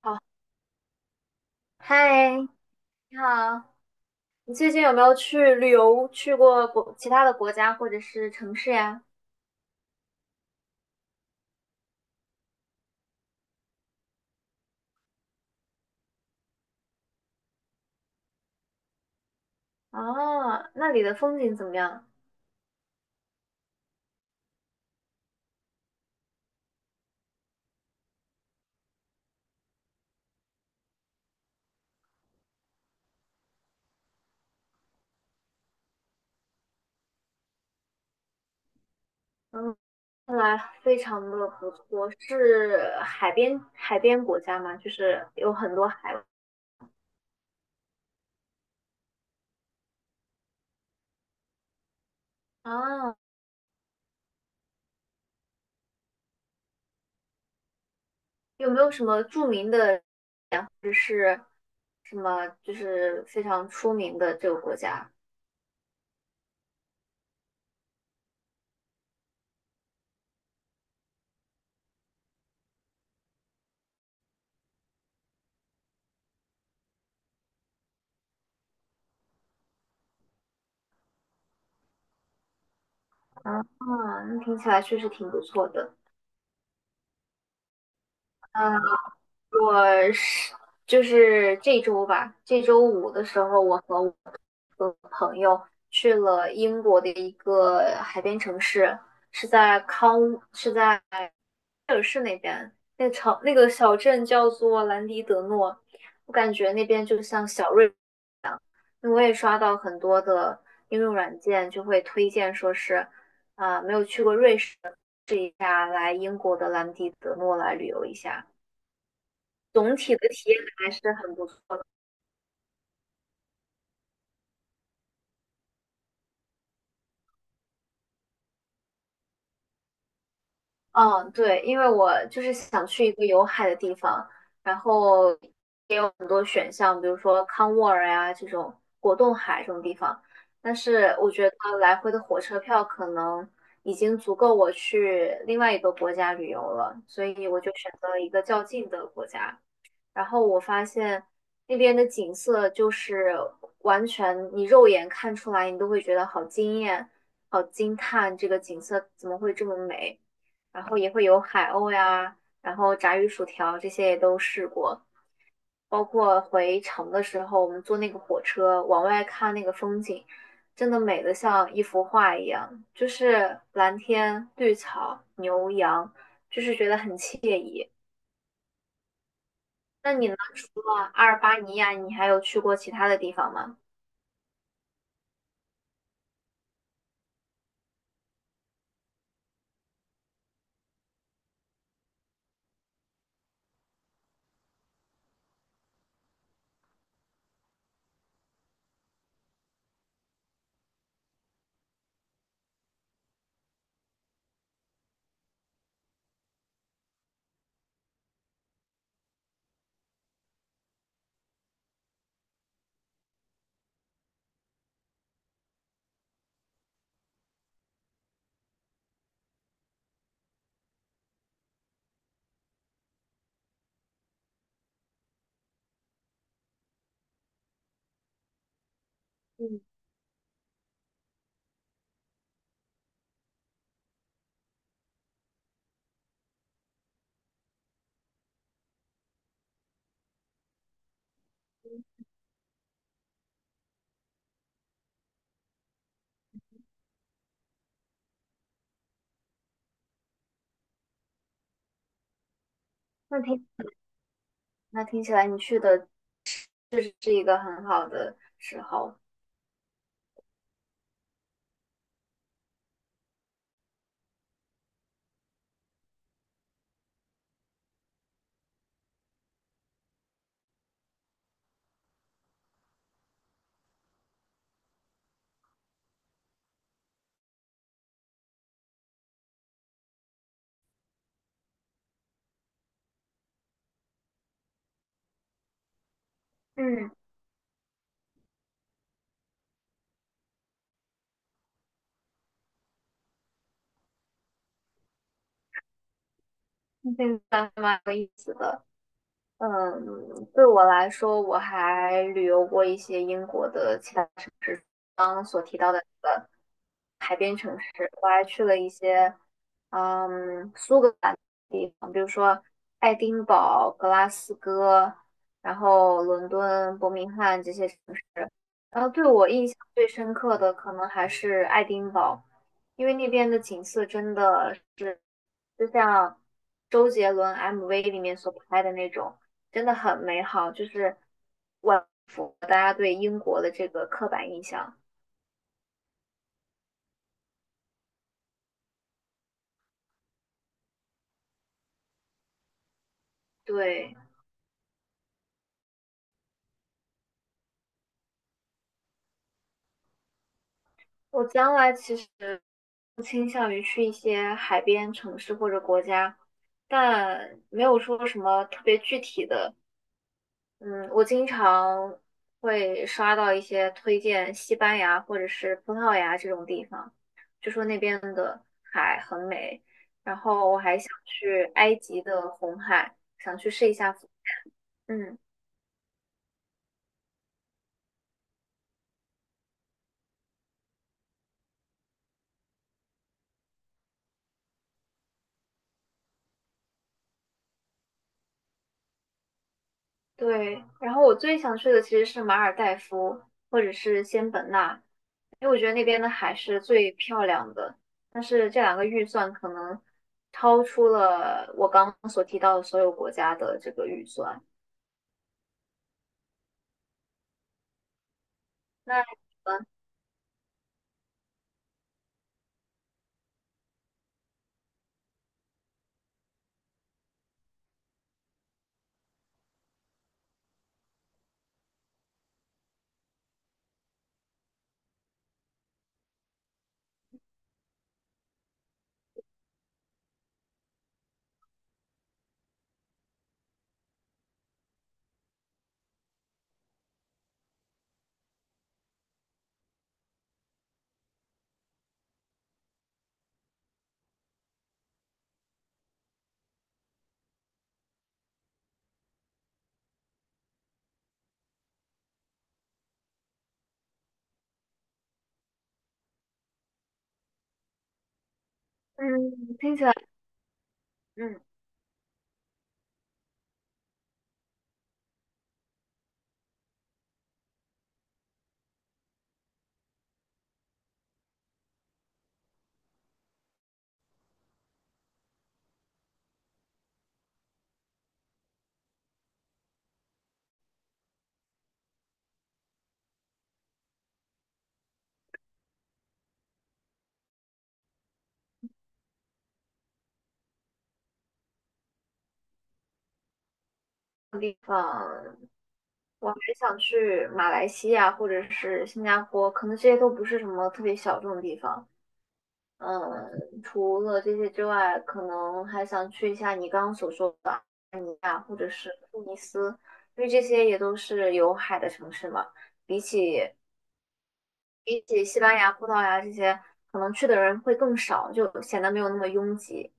好，嗨，你好。你最近有没有去旅游，去过国其他的国家或者是城市呀？啊，那里的风景怎么样？嗯，看来非常的不错，是海边国家吗？就是有很多海。啊，有没有什么著名的，就是什么就是非常出名的这个国家？啊，那听起来确实挺不错的。啊，我是这周吧，这周五的时候，我和我的朋友去了英国的一个海边城市，是在康，是在那个城那个小镇叫做兰迪德诺。我感觉那边就像小瑞，因为我也刷到很多的应用软件就会推荐说是啊、没有去过瑞士，的，试一下来英国的兰迪德诺来旅游一下，总体的体验还是很不错。嗯，对，因为我就是想去一个有海的地方，然后也有很多选项，比如说康沃尔呀、这种果冻海这种地方，但是我觉得来回的火车票可能已经足够我去另外一个国家旅游了，所以我就选择了一个较近的国家。然后我发现那边的景色就是完全你肉眼看出来，你都会觉得好惊艳、好惊叹，这个景色怎么会这么美？然后也会有海鸥呀，然后炸鱼薯条这些也都试过，包括回城的时候，我们坐那个火车往外看那个风景，真的美得像一幅画一样，就是蓝天、绿草、牛羊，就是觉得很惬意。那你呢？除了阿尔巴尼亚，你还有去过其他的地方吗？嗯，那听那听起来你去的确实是一个很好的时候。嗯，现在蛮有意思。嗯，对我来说，我还旅游过一些英国的其他刚刚所提到的海边城市。我还去了一些嗯苏格兰的地方，比如说爱丁堡、格拉斯哥，然后伦敦、伯明翰这些城市。然后对我印象最深刻的可能还是爱丁堡，因为那边的景色真的是就像周杰伦 MV 里面所拍的那种，真的很美好，就是万复大家对英国的这个刻板印象。对，我将来其实倾向于去一些海边城市或者国家，但没有说什么特别具体的。嗯，我经常会刷到一些推荐西班牙或者是葡萄牙这种地方，就说那边的海很美。然后我还想去埃及的红海，想去试一下浮。嗯。对，然后我最想去的其实是马尔代夫或者是仙本那，因为我觉得那边的海是最漂亮的。但是这两个预算可能超出了我刚刚所提到的所有国家的这个预算。那嗯，嗯听起来嗯，地方，我还想去马来西亚或者是新加坡，可能这些都不是什么特别小众的地方。嗯，除了这些之外，可能还想去一下你刚刚所说的安尼亚或者是突尼斯，因为这些也都是有海的城市嘛。比起比起西班牙、葡萄牙这些，可能去的人会更少，就显得没有那么拥挤。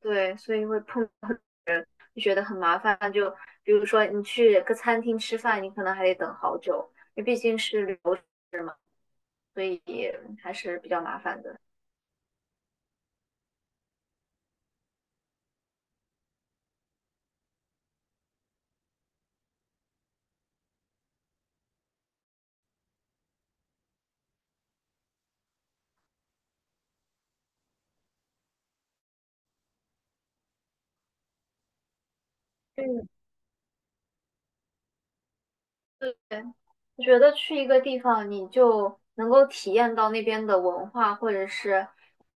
对，所以会碰，就觉得很麻烦。就比如说你去个餐厅吃饭，你可能还得等好久，因为毕竟是旅游城市嘛，所以还是比较麻烦的。嗯，对，我觉得去一个地方，你就能够体验到那边的文化，或者是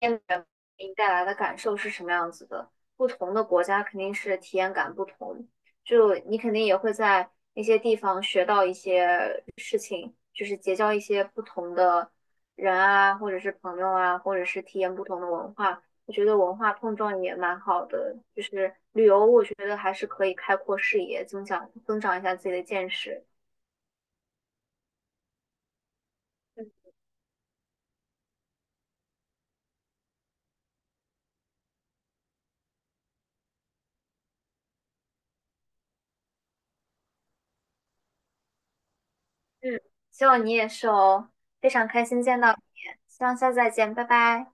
那边的人给你带来的感受是什么样子的。不同的国家肯定是体验感不同，就你肯定也会在那些地方学到一些，就是结交一些不同的人啊，或者是朋友啊，或者是体验不同的文化。我觉得文化碰撞也蛮好的，就是旅游，我觉得还是可以开阔视野，增长一下自己的见识。嗯，希望你也是哦，非常开心见到你，希望下次再见，拜拜。